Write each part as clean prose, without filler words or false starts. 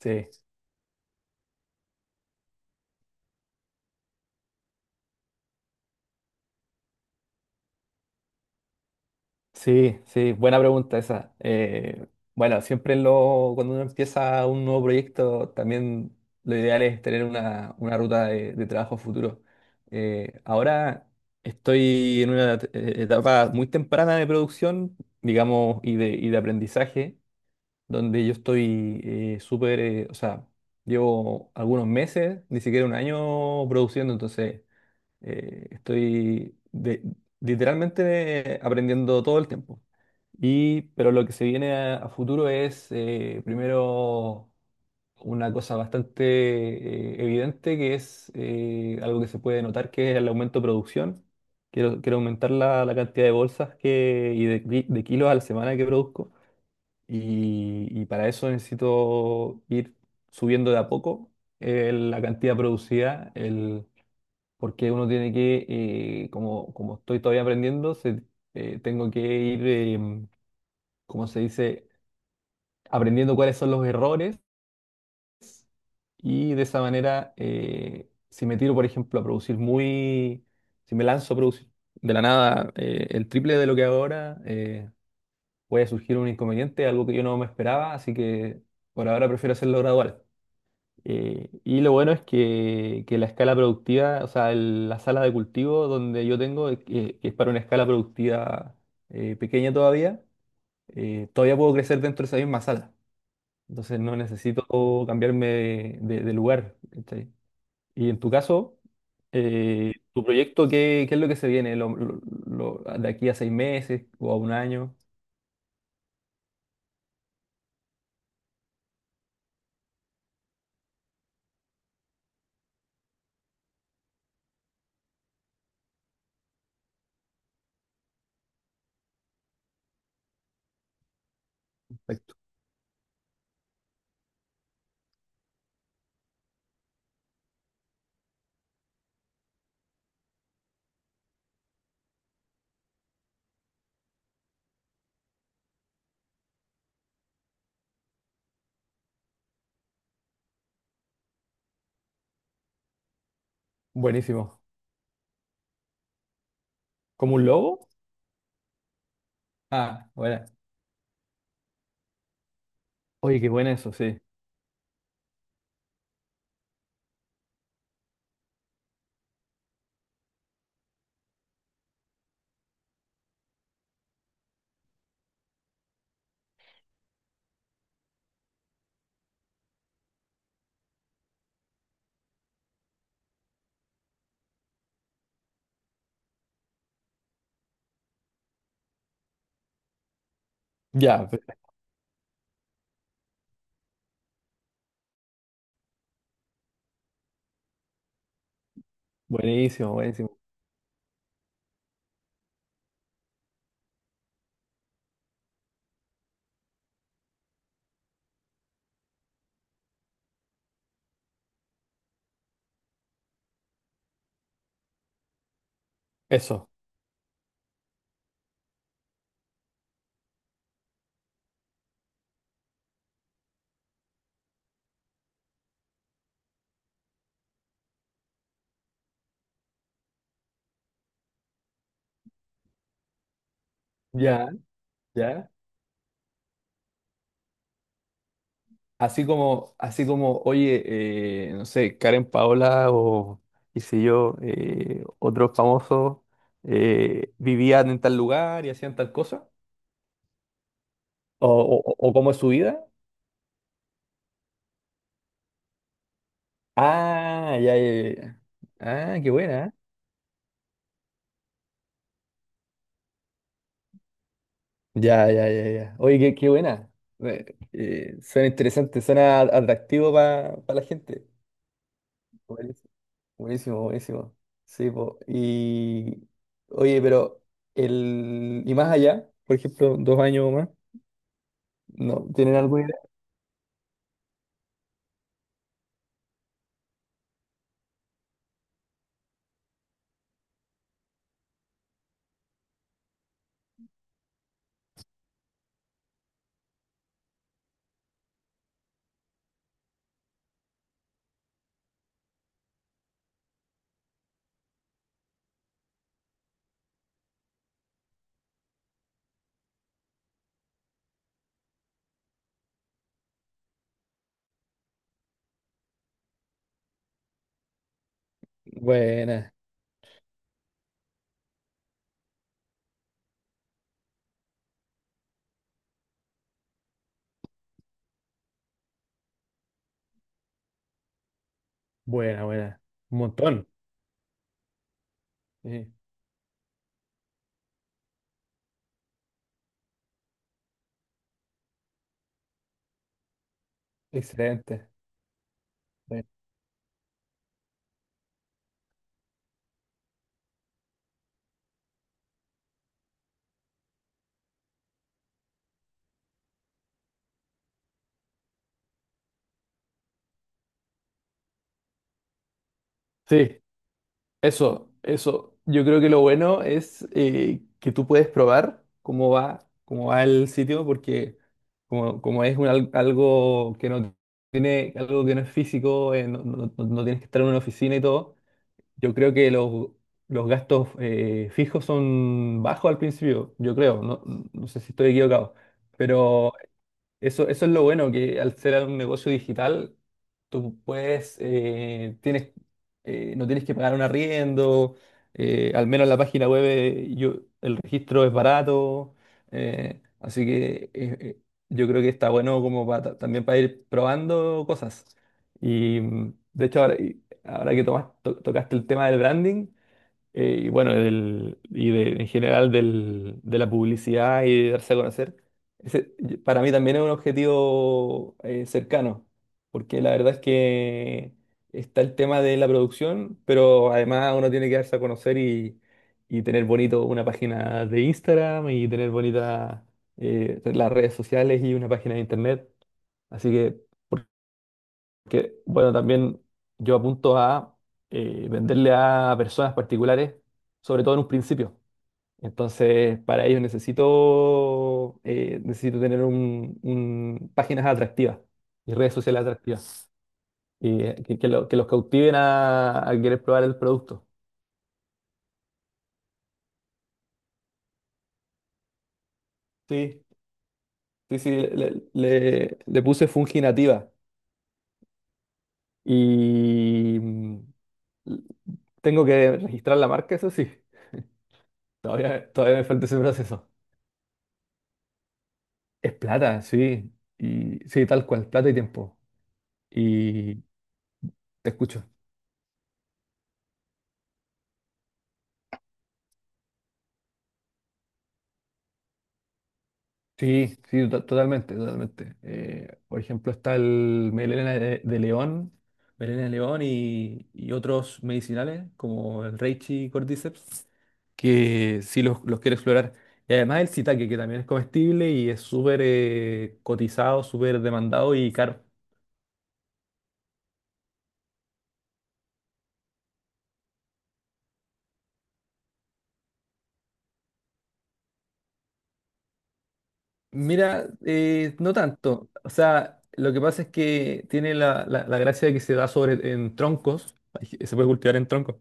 Sí, sí, sí, buena pregunta esa. Bueno, cuando uno empieza un nuevo proyecto, también lo ideal es tener una ruta de trabajo futuro. Ahora estoy en una etapa muy temprana de producción, digamos, y de aprendizaje, donde yo estoy súper, o sea, llevo algunos meses, ni siquiera un año produciendo, entonces... Eh, estoy de- Literalmente aprendiendo todo el tiempo. Y, pero lo que se viene a futuro es, primero, una cosa bastante evidente, que es algo que se puede notar, que es el aumento de producción. Quiero aumentar la cantidad de bolsas que, y de, ki- de kilos a la semana que produzco. Y para eso necesito ir subiendo de a poco la cantidad producida, porque uno tiene que, como, como estoy todavía aprendiendo, tengo que ir, como se dice, aprendiendo cuáles son los errores y de esa manera, si me tiro, por ejemplo, si me lanzo a producir de la nada el triple de lo que hago ahora, puede surgir un inconveniente, algo que yo no me esperaba, así que por ahora prefiero hacerlo gradual. Y lo bueno es que la escala productiva, o sea, la sala de cultivo donde yo tengo, que es para una escala productiva pequeña todavía, todavía puedo crecer dentro de esa misma sala. Entonces no necesito cambiarme de lugar. ¿Cachai? Y en tu caso, ¿tu proyecto qué es lo que se viene de aquí a 6 meses o a un año? Perfecto. Buenísimo. ¿Como un lobo? Ah, buena. Oye, qué bueno eso, sí. Ya, buenísimo, buenísimo. Eso. Ya, ya. Así como, oye, no sé, Karen Paola o qué sé yo, otros famosos vivían en tal lugar y hacían tal cosa. O cómo es su vida. Ah, ya, ya, ya, ya. Ah, qué buena, ¿eh? Ya, ya, ya, ya. Oye, qué, qué buena. Eh, Suena interesante, suena atractivo para la gente. Buenísimo, buenísimo, buenísimo. Sí, po. Oye, pero el y más allá, por ejemplo, 2 años o más, no, ¿tienen alguna idea? Buena. Buena, buena. Un montón. Sí, excelente. Bueno. Sí, eso, eso. Yo creo que lo bueno es que tú puedes probar cómo va el sitio, porque como, como es algo que no tiene, algo que no es físico, no, no tienes que estar en una oficina y todo. Yo creo que los gastos fijos son bajos al principio, yo creo, no, no sé si estoy equivocado, pero eso es lo bueno, que al ser un negocio digital, tienes, no tienes que pagar un arriendo, al menos la página web el registro es barato, así que yo creo que está bueno como también para ir probando cosas. Y de hecho, ahora, y ahora que tocaste el tema del branding, y bueno, en general de la publicidad y de darse a conocer, ese para mí también es un objetivo cercano, porque la verdad es que está el tema de la producción, pero además uno tiene que darse a conocer y tener bonito una página de Instagram y tener bonitas las redes sociales y una página de internet. Así que, bueno, también yo apunto a venderle a personas particulares, sobre todo en un principio. Entonces, para ello necesito tener páginas atractivas y redes sociales atractivas, y que que los cautiven a querer probar el producto. Sí, sí, sí, le puse Funginativa y tengo que registrar la marca, eso sí. Todavía, todavía me falta ese proceso. Es plata, sí. Y sí, tal cual, plata y tiempo. Y te escucho. Sí, sí, totalmente, totalmente. Por ejemplo, está el melena de león, melena de león y otros medicinales como el reishi y cordyceps, que sí los quiero explorar. Y además el shiitake, que también es comestible y es súper cotizado, súper demandado y caro. Mira, no tanto. O sea, lo que pasa es que tiene la gracia de que se da sobre en troncos. Ay, se puede cultivar en troncos,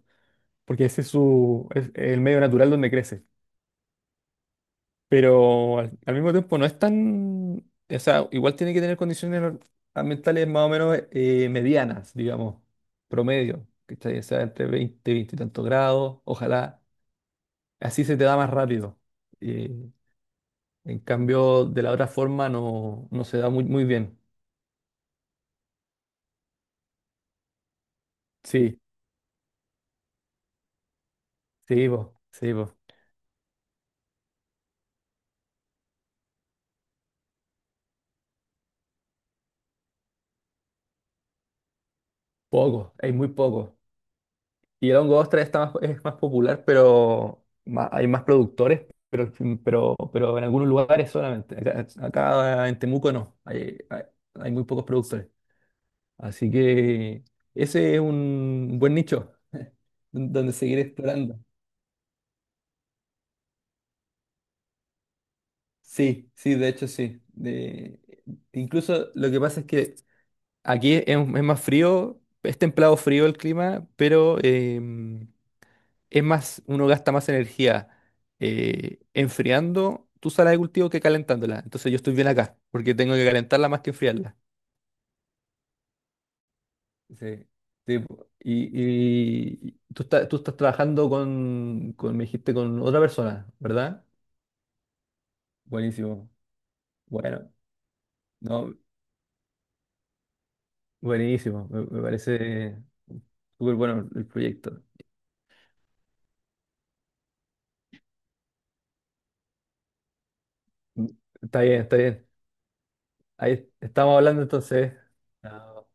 porque ese es su es el medio natural donde crece. Pero al, al mismo tiempo no es tan, o sea, igual tiene que tener condiciones ambientales más o menos medianas, digamos, promedio, ¿cachai? O sea, entre 20 veinte y tantos grados, ojalá. Así se te da más rápido. Eh, en cambio, de la otra forma no, no se da muy, muy bien. Sí. Sí, po, sí, po. Poco, hay muy poco. Y el hongo ostra está más, es más popular, pero hay más productores, pero en algunos lugares solamente. Acá, acá en Temuco no, hay muy pocos productores. Así que ese es un buen nicho donde seguir explorando. Sí, sí, de hecho sí. De, incluso lo que pasa es que aquí es más frío, es templado frío el clima, pero... es más, uno gasta más energía enfriando tu sala de cultivo que calentándola. Entonces yo estoy bien acá, porque tengo que calentarla más que enfriarla. Sí, sí, po. Y tú estás trabajando con, me dijiste, con otra persona, ¿verdad? Buenísimo. Bueno, no, buenísimo. Me parece súper bueno el proyecto. Mm, Está bien, está bien. Ahí estamos hablando entonces. Chao.